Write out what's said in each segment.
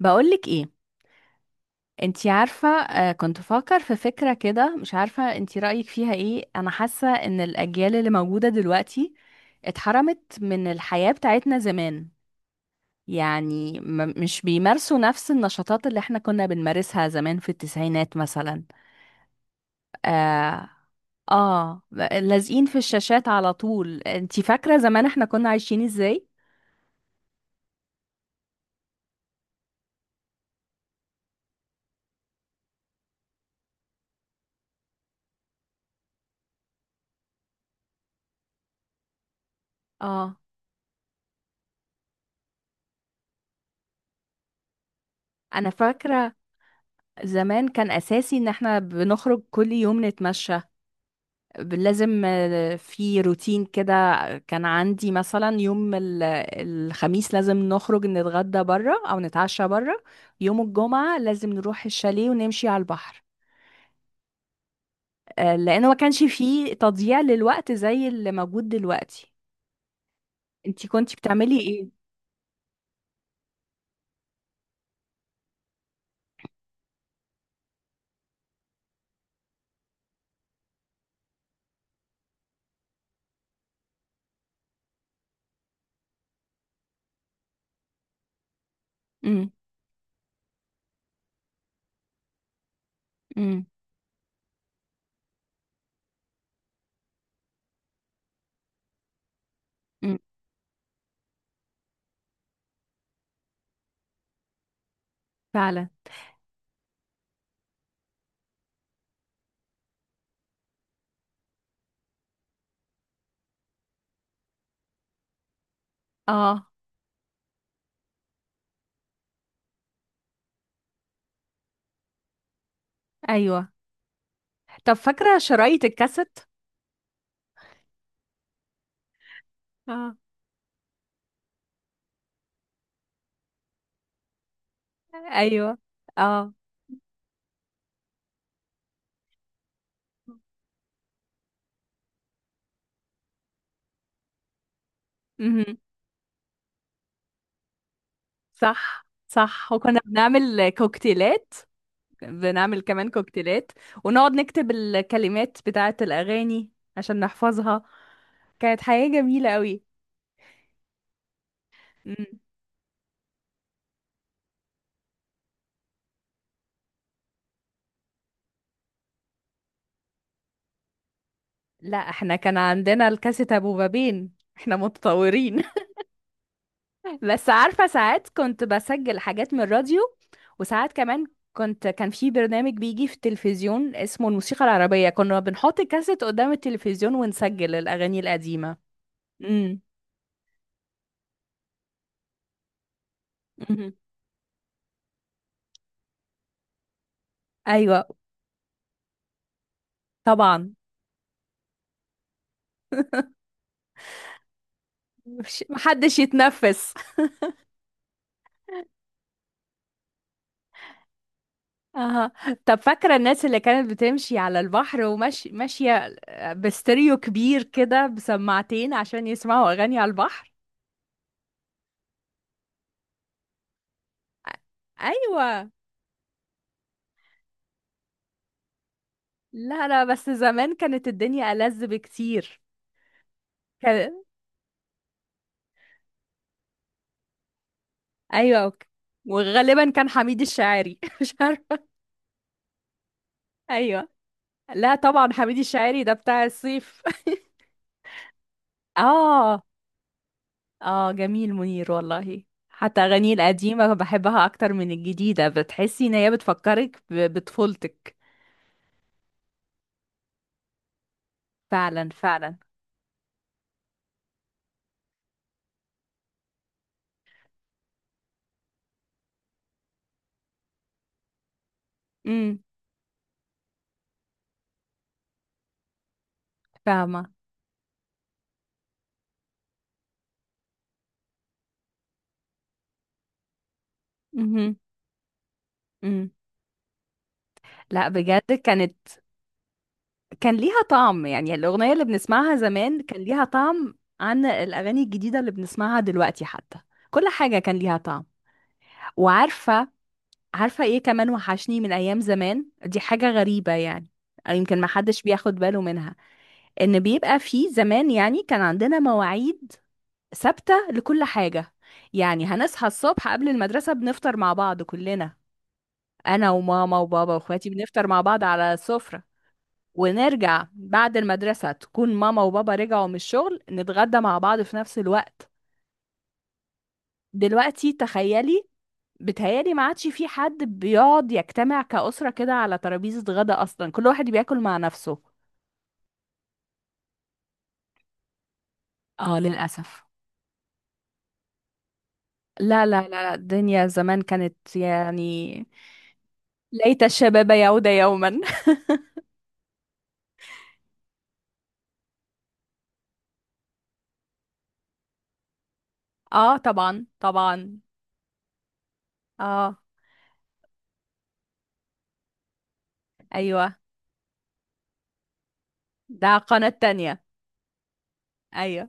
بقولك ايه؟ انتي عارفة، كنت بفكر في فكرة كده. مش عارفة انتي رأيك فيها ايه. انا حاسة ان الاجيال اللي موجودة دلوقتي اتحرمت من الحياة بتاعتنا زمان. يعني مش بيمارسوا نفس النشاطات اللي احنا كنا بنمارسها زمان في التسعينات مثلا. اه، آه، لازقين في الشاشات على طول. انتي فاكرة زمان احنا كنا عايشين ازاي؟ اه. انا فاكرة زمان كان اساسي ان احنا بنخرج كل يوم نتمشى. لازم، في روتين كده. كان عندي مثلا يوم الخميس لازم نخرج نتغدى بره او نتعشى بره. يوم الجمعة لازم نروح الشاليه ونمشي على البحر. لانه ما كانش فيه تضييع للوقت زي اللي موجود دلوقتي. انتي كنتي بتعملي ايه؟ امم. امم. امم. فعلا. اه. ايوه. طب فاكرة شرايط الكاسيت؟ اه. ايوه. اه. امم. صح صح، وكنا بنعمل كوكتيلات. بنعمل كمان كوكتيلات ونقعد نكتب الكلمات بتاعة الأغاني عشان نحفظها. كانت حياة جميلة قوي. مم. لا، احنا كان عندنا الكاسيت ابو بابين، احنا متطورين. بس عارفة ساعات كنت بسجل حاجات من الراديو. وساعات كمان كان في برنامج بيجي في التلفزيون اسمه الموسيقى العربية، كنا بنحط الكاسيت قدام التلفزيون ونسجل الأغاني القديمة. امم. أمم. ايوه. طبعا. محدش يتنفس. اها. طب فاكرة الناس اللي كانت بتمشي على البحر وماشية ماشية باستيريو كبير كده بسماعتين عشان يسمعوا أغاني على البحر؟ أ- أيوة. لا لا، بس زمان كانت الدنيا ألذ بكتير. كان... أيوة. وغالبا كان حميد الشاعري، مش عارفة. أيوة. لا طبعا، حميد الشاعري ده بتاع الصيف. اه. اه، جميل منير والله. حتى أغانيه القديمة بحبها أكتر من الجديدة، بتحسي إن هي بتفكرك بطفولتك. فعلا فعلا. امم. فاهمة. امم. امم. لا بجد، كان ليها طعم. يعني الأغنية اللي بنسمعها زمان كان ليها طعم عن الأغاني الجديدة اللي بنسمعها دلوقتي. حتى كل حاجة كان ليها طعم. وعارفة عارفة ايه كمان وحشني من أيام زمان؟ دي حاجة غريبة يعني، أو يمكن ما حدش بياخد باله منها. إن بيبقى في زمان، يعني كان عندنا مواعيد ثابتة لكل حاجة. يعني هنصحى الصبح قبل المدرسة بنفطر مع بعض كلنا، انا وماما وبابا واخواتي، بنفطر مع بعض على السفرة. ونرجع بعد المدرسة تكون ماما وبابا رجعوا من الشغل، نتغدى مع بعض في نفس الوقت. دلوقتي تخيلي، بتهيالي ما عادش في حد بيقعد يجتمع كأسرة كده على ترابيزة غدا. أصلا كل واحد بياكل مع نفسه. اه للأسف. لا لا لا لا، الدنيا زمان كانت يعني، ليت الشباب يعود يوما. اه طبعا طبعا. اه. ايوه. ده قناة تانية. ايوه.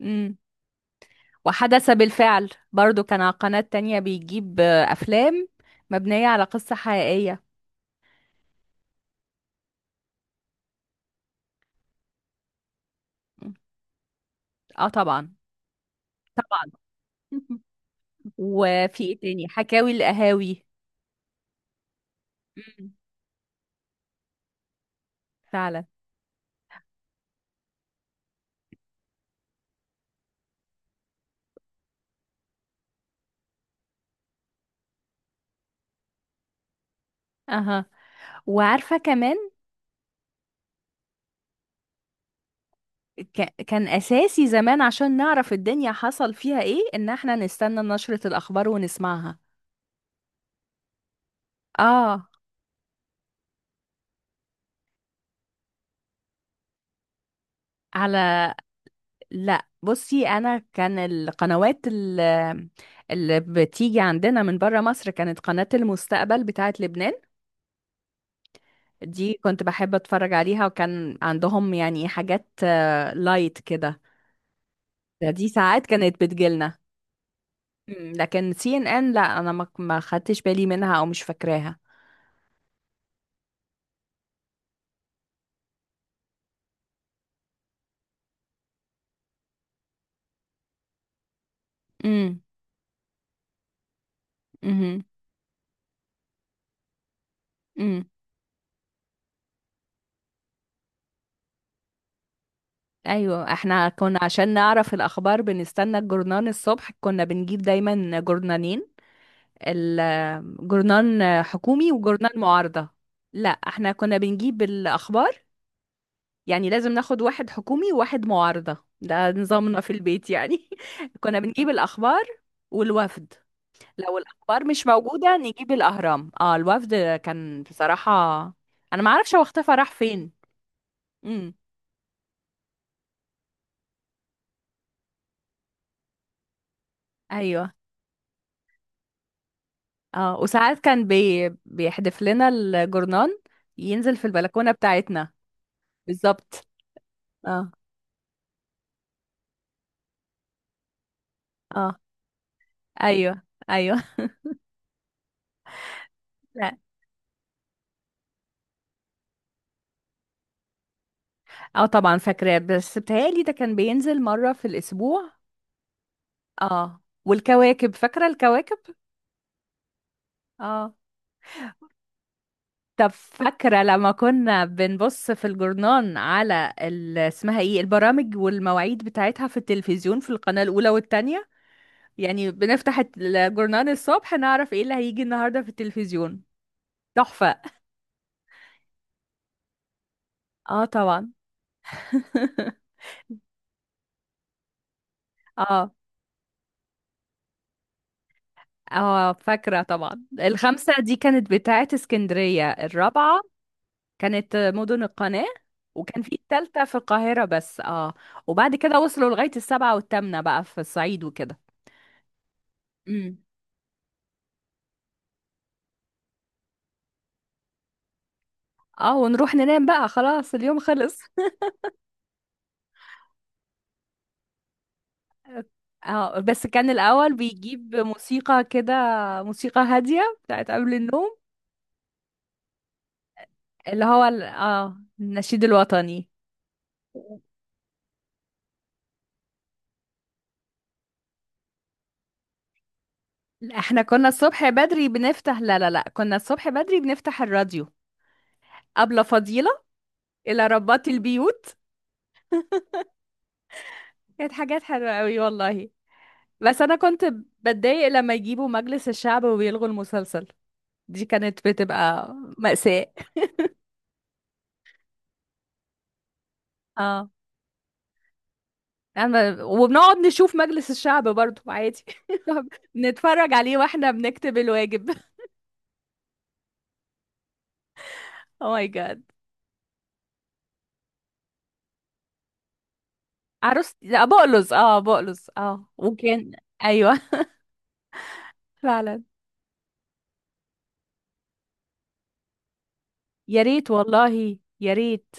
مم. وحدث بالفعل برضو كان على قناة تانية، بيجيب أفلام مبنية على قصة حقيقية. م. اه طبعا. طبعا. وفي ايه تاني؟ حكاوي القهاوي. مم. فعلا. اها. وعارفة كمان، كان أساسي زمان عشان نعرف الدنيا حصل فيها ايه، ان احنا نستنى نشرة الأخبار ونسمعها. اه. على لا بصي، انا كان القنوات اللي بتيجي عندنا من بره مصر كانت قناة المستقبل بتاعه لبنان. دي كنت بحب اتفرج عليها، وكان عندهم يعني حاجات لايت كده. دي ساعات كانت بتجيلنا. مم، لكن سي ان ان لا، انا ما خدتش بالي منها او مش فاكراها. امم. امم. امم. ايوه، احنا كنا عشان نعرف الاخبار بنستنى الجرنان الصبح. كنا بنجيب دايما جرنانين، الجورنال حكومي وجورنال معارضة. لا، احنا كنا بنجيب الأخبار، يعني لازم ناخد واحد حكومي وواحد معارضة. ده نظامنا في البيت يعني. كنا بنجيب الأخبار والوفد. لو الأخبار مش موجودة نجيب الأهرام، اه الوفد. كان بصراحة، أنا ما اعرفش هو اختفى راح فين. امم. ايوه. اه، وساعات كان بيحدف لنا الجورنال، ينزل في البلكونة بتاعتنا. بالظبط. اه. اه. ايوه. ايوه. اه طبعا فاكراه، بس بتهيألي ده كان بينزل مرة في الأسبوع. اه والكواكب، فاكرة الكواكب؟ اه. طب فاكرة لما كنا بنبص في الجورنان على اسمها ايه، البرامج والمواعيد بتاعتها في التلفزيون في القناة الأولى والتانية؟ يعني بنفتح الجورنان الصبح نعرف ايه اللي هيجي النهاردة في التلفزيون. تحفة. اه طبعا. اه. اه فاكرة طبعا. الخمسة دي كانت بتاعت اسكندرية، الرابعة كانت مدن القناة. وكان في التالتة في القاهرة بس، اه. وبعد كده وصلوا لغاية السبعة والتامنة بقى في الصعيد وكده. امم. اه، ونروح ننام بقى، خلاص اليوم خلص. اه، بس كان الأول بيجيب موسيقى كده، موسيقى هادية بتاعت قبل النوم. اللي هو اه النشيد الوطني. لا، احنا كنا الصبح بدري بنفتح، لا لا لا، كنا الصبح بدري بنفتح الراديو. أبلة فضيلة، إلى ربات البيوت. كانت حاجات حلوة قوي والله. بس انا كنت بتضايق لما يجيبوا مجلس الشعب وبيلغوا المسلسل. دي كانت بتبقى مأساة. اه. أنا وبنقعد نشوف مجلس الشعب برضو عادي. بنتفرج عليه واحنا بنكتب الواجب. او ماي جاد. عروس، لا بقلص، اه بقلص، اه. وكان ايوه. فعلا. يا ريت والله يا ريت.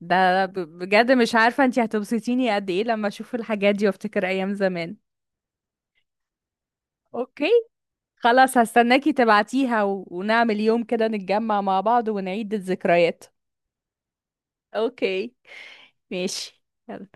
ده بجد مش عارفة انتي هتبسطيني قد ايه لما اشوف الحاجات دي وافتكر ايام زمان. اوكي خلاص، هستناكي تبعتيها، و... ونعمل يوم كده نتجمع مع بعض ونعيد الذكريات. اوكي. ماشي. يلا.